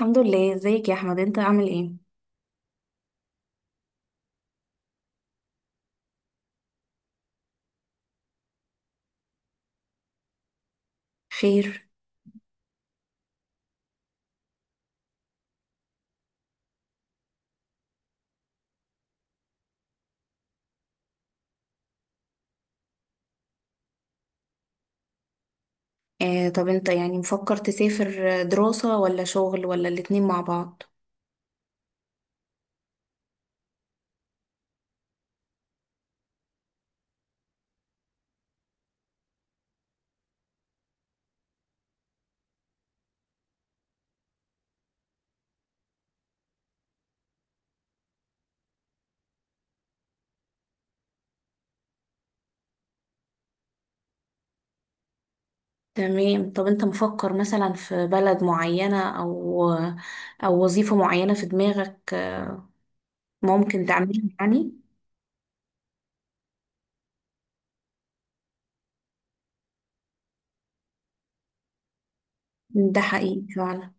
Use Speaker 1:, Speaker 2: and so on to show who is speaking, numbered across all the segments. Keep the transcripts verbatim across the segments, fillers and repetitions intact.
Speaker 1: الحمد لله، ازيك يا احمد؟ انت عامل ايه؟ خير. آه طب انت يعني مفكر تسافر دراسة ولا شغل ولا الاتنين مع بعض؟ تمام. طب انت مفكر مثلا في بلد معينة او او وظيفة معينة في دماغك ممكن تعملها يعني؟ ده حقيقي فعلا.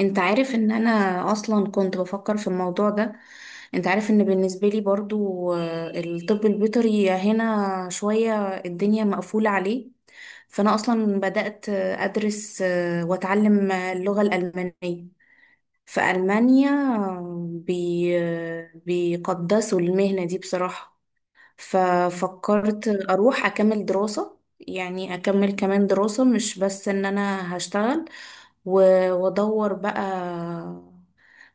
Speaker 1: انت عارف ان انا اصلا كنت بفكر في الموضوع ده. انت عارف ان بالنسبة لي برضو، آه، الطب البيطري هنا شوية الدنيا مقفولة عليه. فأنا أصلا بدأت أدرس آه، وأتعلم آه، اللغة الألمانية في ألمانيا. آه، بي آه، بيقدسوا المهنة دي بصراحة. ففكرت أروح أكمل دراسة، يعني أكمل كمان دراسة، مش بس إن أنا هشتغل و- وأدور بقى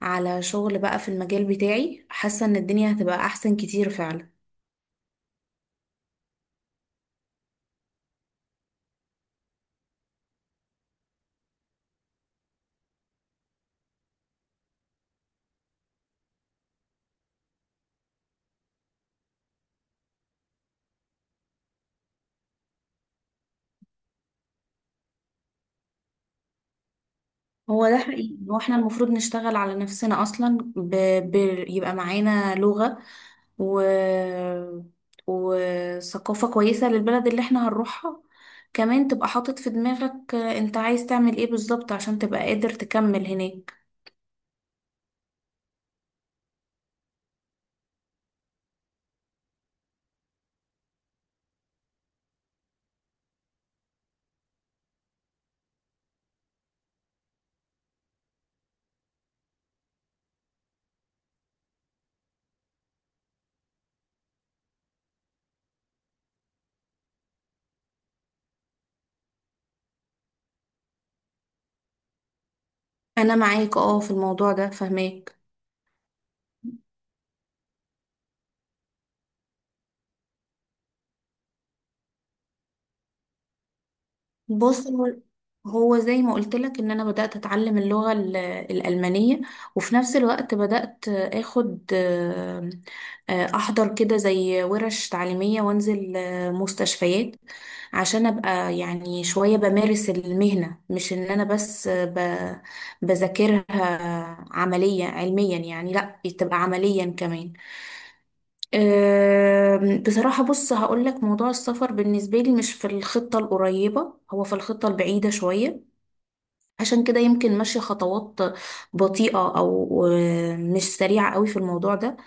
Speaker 1: على شغل بقى في المجال بتاعي. حاسة إن الدنيا هتبقى أحسن كتير فعلا. هو ده حقيقي. هو احنا المفروض نشتغل على نفسنا اصلا، ب... ب... يبقى معانا لغة و... وثقافة كويسة للبلد اللي احنا هنروحها. كمان تبقى حاطط في دماغك انت عايز تعمل ايه بالظبط عشان تبقى قادر تكمل هناك. انا معاك اه في الموضوع ده، فهماك. بص، هو هو زي ما قلت لك ان انا بدأت اتعلم اللغة ال- الألمانية. وفي نفس الوقت بدأت اخد، آه، آه، احضر كده زي ورش تعليمية، وانزل آه، مستشفيات، عشان ابقى يعني شوية بمارس المهنة، مش ان انا بس آه، ب- بذاكرها عملية علميا، يعني لا، تبقى عمليا كمان. أم، بصراحة بص هقول لك، موضوع السفر بالنسبة لي مش في الخطة القريبة، هو في الخطة البعيدة شوية. عشان كده يمكن ماشية خطوات بطيئة أو أم، مش سريعة قوي في الموضوع ده.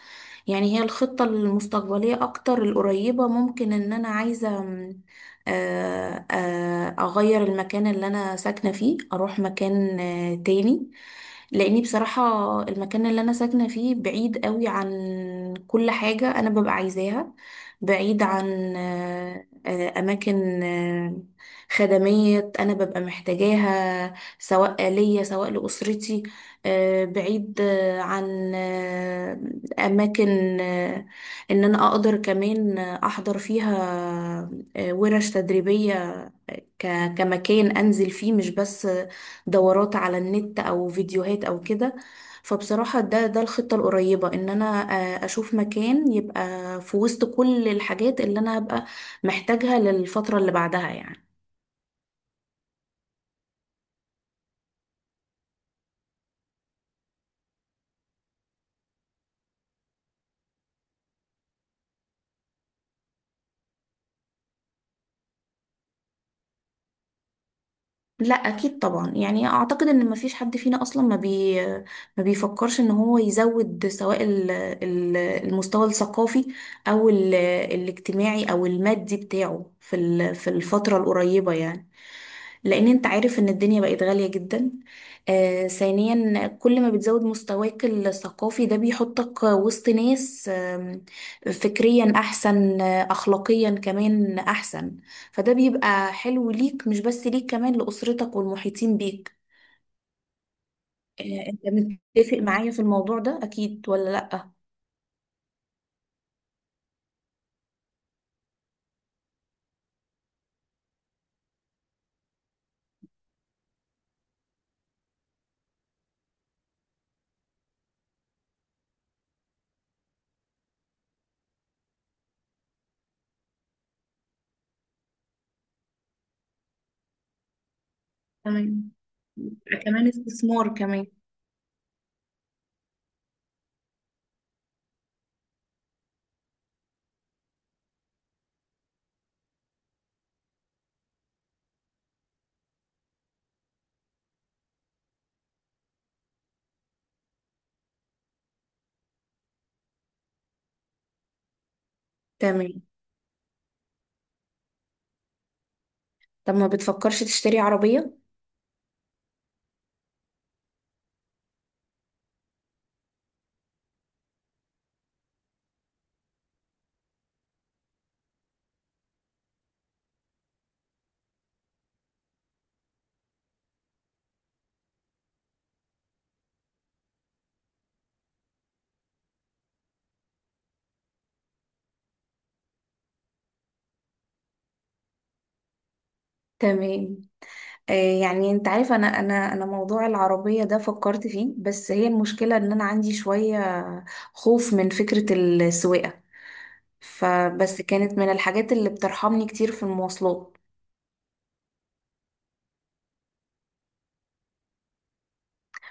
Speaker 1: يعني هي الخطة المستقبلية أكتر، القريبة، ممكن إن أنا عايزة م، آه، آه، أغير المكان اللي أنا ساكنة فيه، أروح مكان آه، تاني. لأني بصراحة المكان اللي أنا ساكنة فيه بعيد قوي عن كل حاجة أنا ببقى عايزاها. بعيد عن، آه، آه، أماكن آه، خدمية أنا ببقى محتاجاها، سواء ليا سواء لأسرتي. آه، بعيد آه، عن آه، اماكن آه، ان انا اقدر كمان آه، احضر فيها آه، ورش تدريبية، ك- كمكان انزل فيه، مش بس آه، دورات على النت او فيديوهات او كده. فبصراحة ده ده الخطة القريبة، ان انا آه، اشوف مكان يبقى في وسط كل الحاجات اللي انا هبقى محتاجها للفترة اللي بعدها يعني. لا، اكيد طبعا، يعني اعتقد ان مفيش حد فينا اصلا ما بي ما بيفكرش ان هو يزود سواء ال- ال- المستوى الثقافي او ال- الاجتماعي او المادي بتاعه في ال- في الفترة القريبة، يعني لان انت عارف ان الدنيا بقت غالية جدا. آه ثانيا، كل ما بتزود مستواك الثقافي ده بيحطك وسط ناس آم، فكريا احسن، آه، اخلاقيا كمان احسن. فده بيبقى حلو ليك، مش بس ليك، كمان لأسرتك والمحيطين بيك. آه، انت متفق معايا في الموضوع ده اكيد ولا لأ؟ تمام. يبقى كمان استثمار كمان. تمام. طب ما بتفكرش تشتري عربية؟ تمام. آه يعني انت عارف، انا انا انا موضوع العربية ده فكرت فيه، بس هي المشكلة ان انا عندي شوية خوف من فكرة السواقة، فبس كانت من الحاجات اللي بترحمني كتير في المواصلات.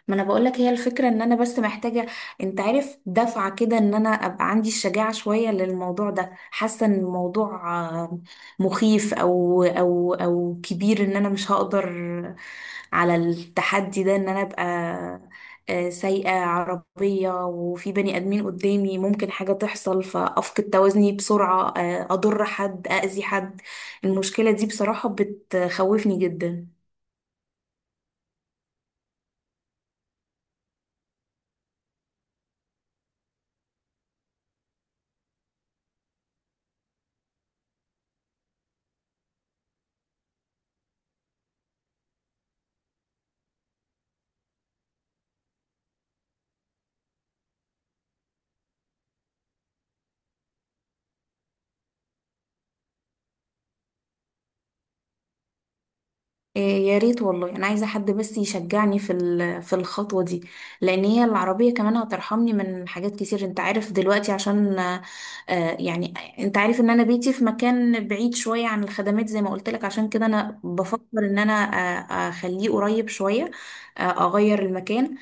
Speaker 1: ما انا بقولك، هي الفكرة ان انا بس محتاجة، انت عارف، دفعة كده، ان انا ابقى عندي الشجاعة شوية للموضوع ده. حاسة ان الموضوع آه، مخيف او او او كبير، ان انا مش هقدر على التحدي ده، ان انا ابقى آه، سايقة عربية وفي بني ادمين قدامي ممكن حاجة تحصل فافقد توازني بسرعة، آه، اضر حد، اذي حد. المشكلة دي بصراحة بتخوفني جدا. إيه، يا ريت والله، انا عايزه حد بس يشجعني في ال- في الخطوه دي، لان هي العربيه كمان هترحمني من حاجات كتير. انت عارف دلوقتي عشان، آه آه، يعني انت عارف ان انا بيتي في مكان بعيد شويه عن الخدمات زي ما قلت لك. عشان كده انا بفكر ان انا آه، اخليه قريب شويه، آه، اغير المكان.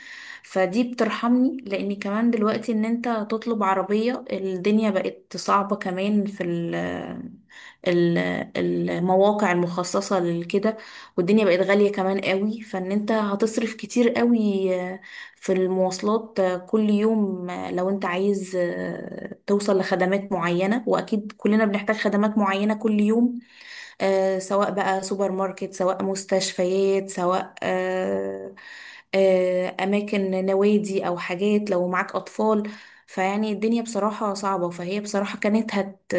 Speaker 1: فدي بترحمني، لان كمان دلوقتي ان انت تطلب عربيه الدنيا بقت صعبه كمان في ال ال- المواقع المخصصه لكده. والدنيا بقت غالية كمان قوي، فان انت هتصرف كتير قوي آه، في المواصلات آه، كل يوم، آه، لو انت عايز آه، توصل لخدمات معينة، واكيد كلنا بنحتاج خدمات معينة كل يوم، آه، سواء بقى سوبر ماركت سواء مستشفيات سواء آه، آه، اماكن نوادي او حاجات لو معاك اطفال. فيعني الدنيا بصراحة صعبة، فهي بصراحة كانت هت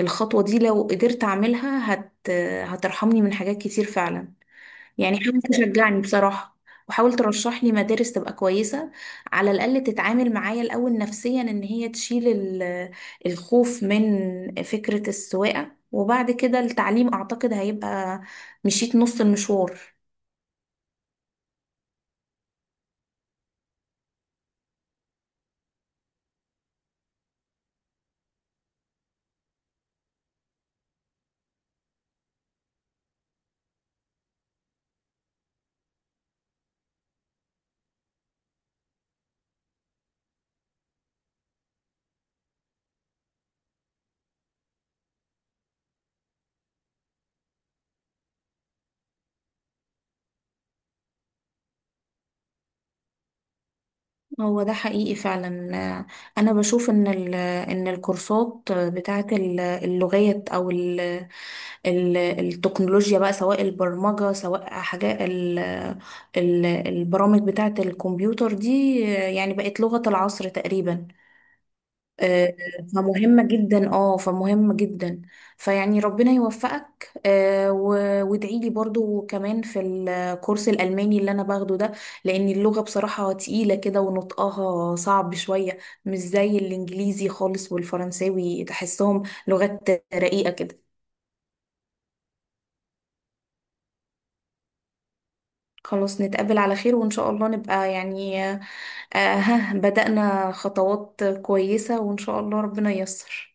Speaker 1: الخطوة دي لو قدرت أعملها هت هترحمني من حاجات كتير فعلا. يعني حاول تشجعني بصراحة، وحاول ترشح لي مدارس تبقى كويسة، على الأقل تتعامل معايا الأول نفسيا، إن هي تشيل ال- الخوف من فكرة السواقة، وبعد كده التعليم أعتقد هيبقى مشيت نص المشوار. هو ده حقيقي فعلا. آه، أنا بشوف إن ال- إن الكورسات بتاعت ال- اللغات، أو ال- ال- التكنولوجيا بقى، سواء البرمجة سواء حاجات ال- ال- البرامج بتاعة الكمبيوتر دي، آه، يعني بقت لغة العصر تقريبا. آه، فمهمة جدا، اه فمهمة جدا. فيعني ربنا يوفقك، آه، و- وادعي لي برضو كمان في الكورس الألماني اللي أنا باخده ده، لأن اللغة بصراحة تقيلة كده ونطقها صعب شوية، مش زي الإنجليزي خالص والفرنساوي، تحسهم لغات رقيقة كده. خلاص، نتقابل على خير، وإن شاء الله نبقى يعني، آه ها بدأنا خطوات كويسة، وإن شاء الله ربنا ييسر.